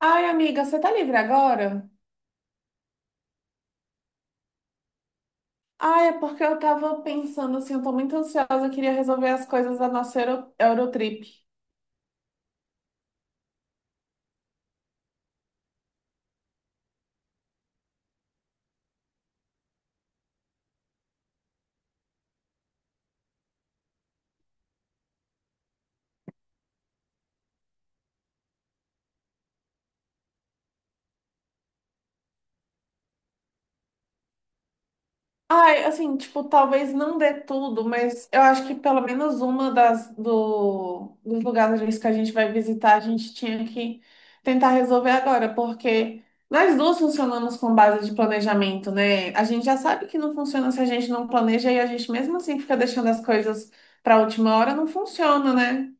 Ai, amiga, você tá livre agora? Ai, é porque eu tava pensando assim, eu tô muito ansiosa, eu queria resolver as coisas da nossa Eurotrip. Ai, assim, tipo, talvez não dê tudo, mas eu acho que pelo menos uma dos lugares que a gente vai visitar, a gente tinha que tentar resolver agora, porque nós duas funcionamos com base de planejamento, né? A gente já sabe que não funciona se a gente não planeja e a gente mesmo assim fica deixando as coisas pra última hora, não funciona, né?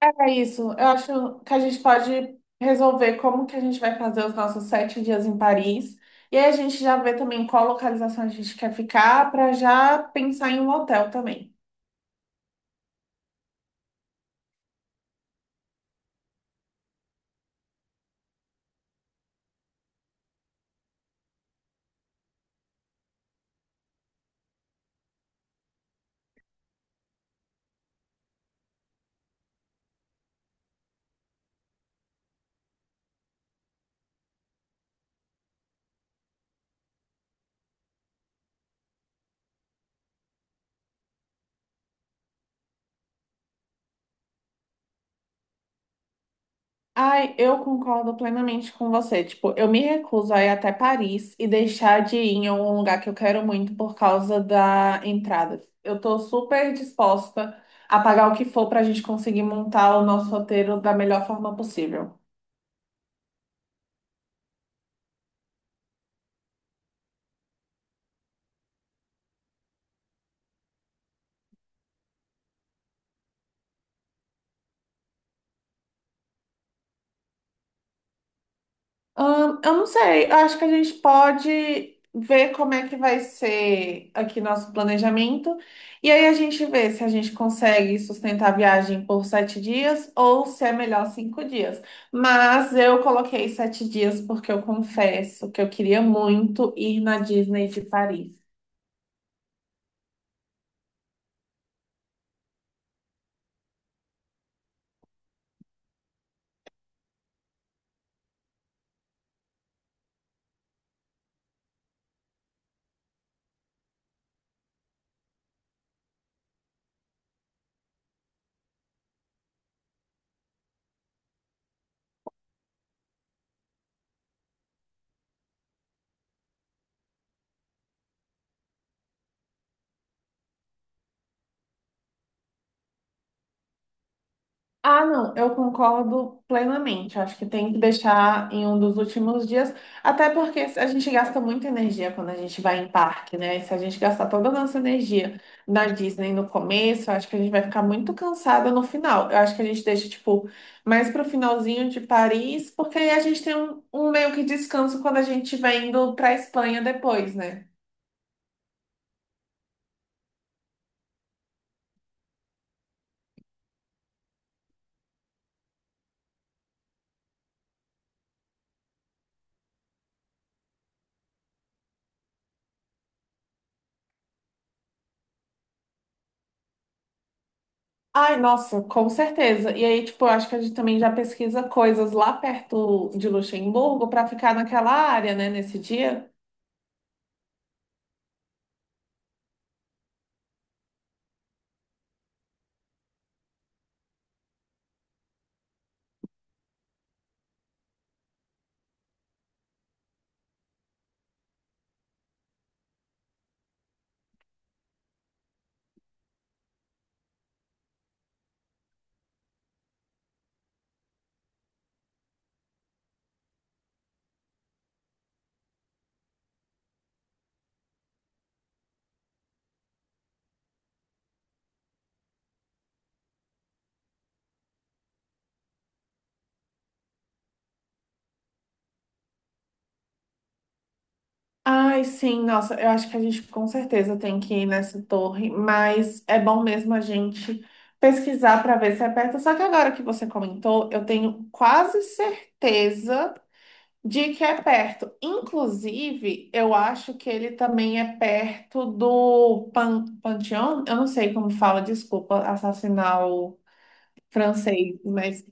É isso. Eu acho que a gente pode resolver como que a gente vai fazer os nossos 7 dias em Paris. E aí a gente já vê também qual localização a gente quer ficar para já pensar em um hotel também. Ai, eu concordo plenamente com você. Tipo, eu me recuso a ir até Paris e deixar de ir em um lugar que eu quero muito por causa da entrada. Eu tô super disposta a pagar o que for para a gente conseguir montar o nosso roteiro da melhor forma possível. Eu não sei, eu acho que a gente pode ver como é que vai ser aqui nosso planejamento. E aí a gente vê se a gente consegue sustentar a viagem por 7 dias ou se é melhor 5 dias. Mas eu coloquei 7 dias porque eu confesso que eu queria muito ir na Disney de Paris. Ah, não, eu concordo plenamente. Acho que tem que deixar em um dos últimos dias, até porque a gente gasta muita energia quando a gente vai em parque, né? Se a gente gastar toda a nossa energia na Disney no começo, eu acho que a gente vai ficar muito cansada no final. Eu acho que a gente deixa, tipo, mais pro finalzinho de Paris, porque aí a gente tem um meio que descanso quando a gente vai indo pra Espanha depois, né? Ai, nossa, com certeza. E aí, tipo, eu acho que a gente também já pesquisa coisas lá perto de Luxemburgo para ficar naquela área, né, nesse dia. Ai, sim, nossa, eu acho que a gente com certeza tem que ir nessa torre, mas é bom mesmo a gente pesquisar para ver se é perto. Só que agora que você comentou, eu tenho quase certeza de que é perto. Inclusive, eu acho que ele também é perto do Panteão, eu não sei como fala, desculpa, assassinar francês, mas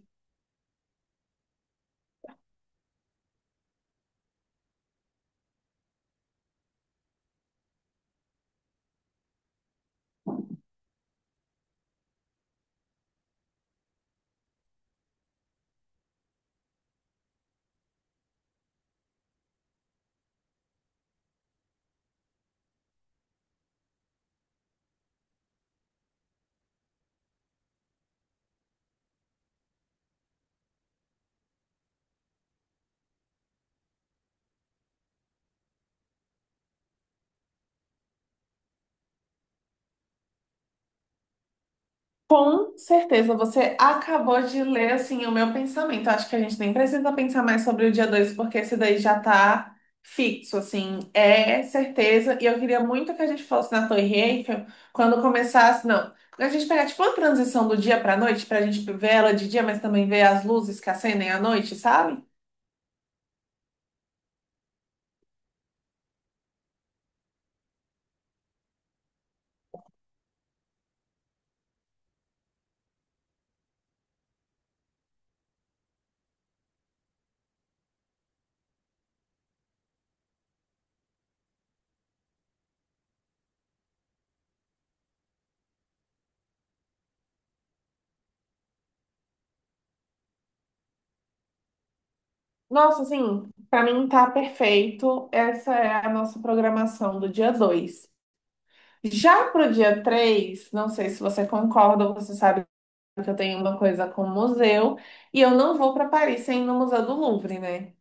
com certeza você acabou de ler assim o meu pensamento. Acho que a gente nem precisa pensar mais sobre o dia 2 porque esse daí já tá fixo, assim, é certeza. E eu queria muito que a gente fosse na Torre Eiffel quando começasse, não. A gente pegar tipo uma transição do dia pra noite, pra gente ver ela de dia, mas também ver as luzes que acendem à noite, sabe? Nossa, assim, pra mim tá perfeito. Essa é a nossa programação do dia 2. Já pro dia 3, não sei se você concorda, você sabe que eu tenho uma coisa com o museu e eu não vou para Paris sem ir no Museu do Louvre, né?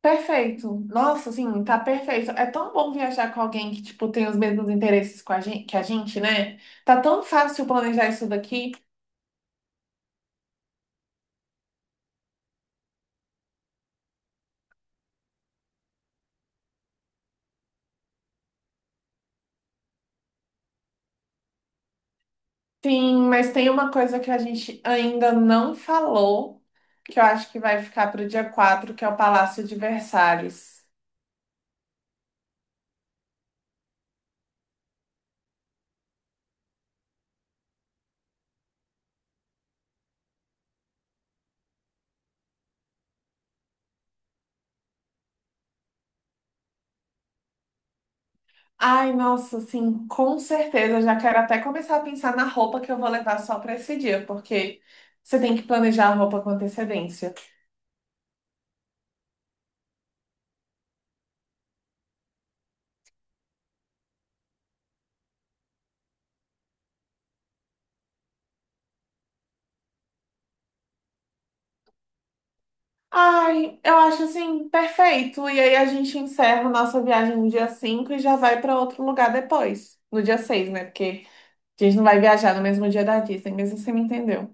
Perfeito. Nossa, assim, tá perfeito. É tão bom viajar com alguém que, tipo, tem os mesmos interesses com a gente, que a gente, né? Tá tão fácil planejar isso daqui. Sim, mas tem uma coisa que a gente ainda não falou, que eu acho que vai ficar pro dia 4, que é o Palácio de Versalhes. Ai, nossa, sim, com certeza. Já quero até começar a pensar na roupa que eu vou levar só para esse dia, porque você tem que planejar a roupa com antecedência. Ai, eu acho assim, perfeito. E aí a gente encerra nossa viagem no dia 5 e já vai para outro lugar depois, no dia 6, né? Porque a gente não vai viajar no mesmo dia da Disney, mesmo assim, você me entendeu.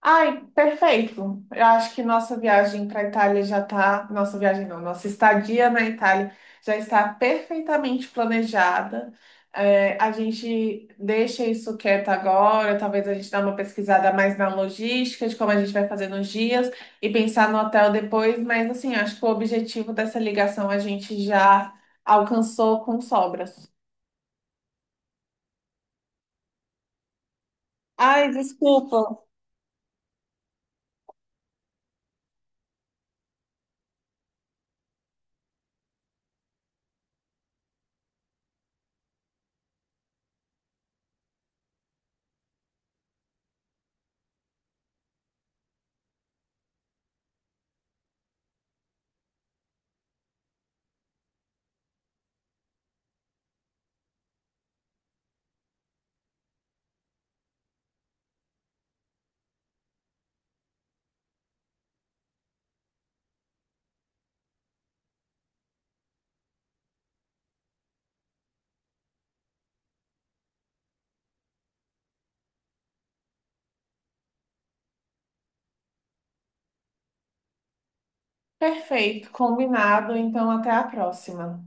Ai, perfeito. Eu acho que nossa viagem para a Itália já está. Nossa viagem não, nossa estadia na Itália já está perfeitamente planejada. É, a gente deixa isso quieto agora, talvez a gente dê uma pesquisada mais na logística de como a gente vai fazer nos dias e pensar no hotel depois, mas assim, acho que o objetivo dessa ligação a gente já alcançou com sobras. Ai, desculpa. Perfeito, combinado. Então, até a próxima.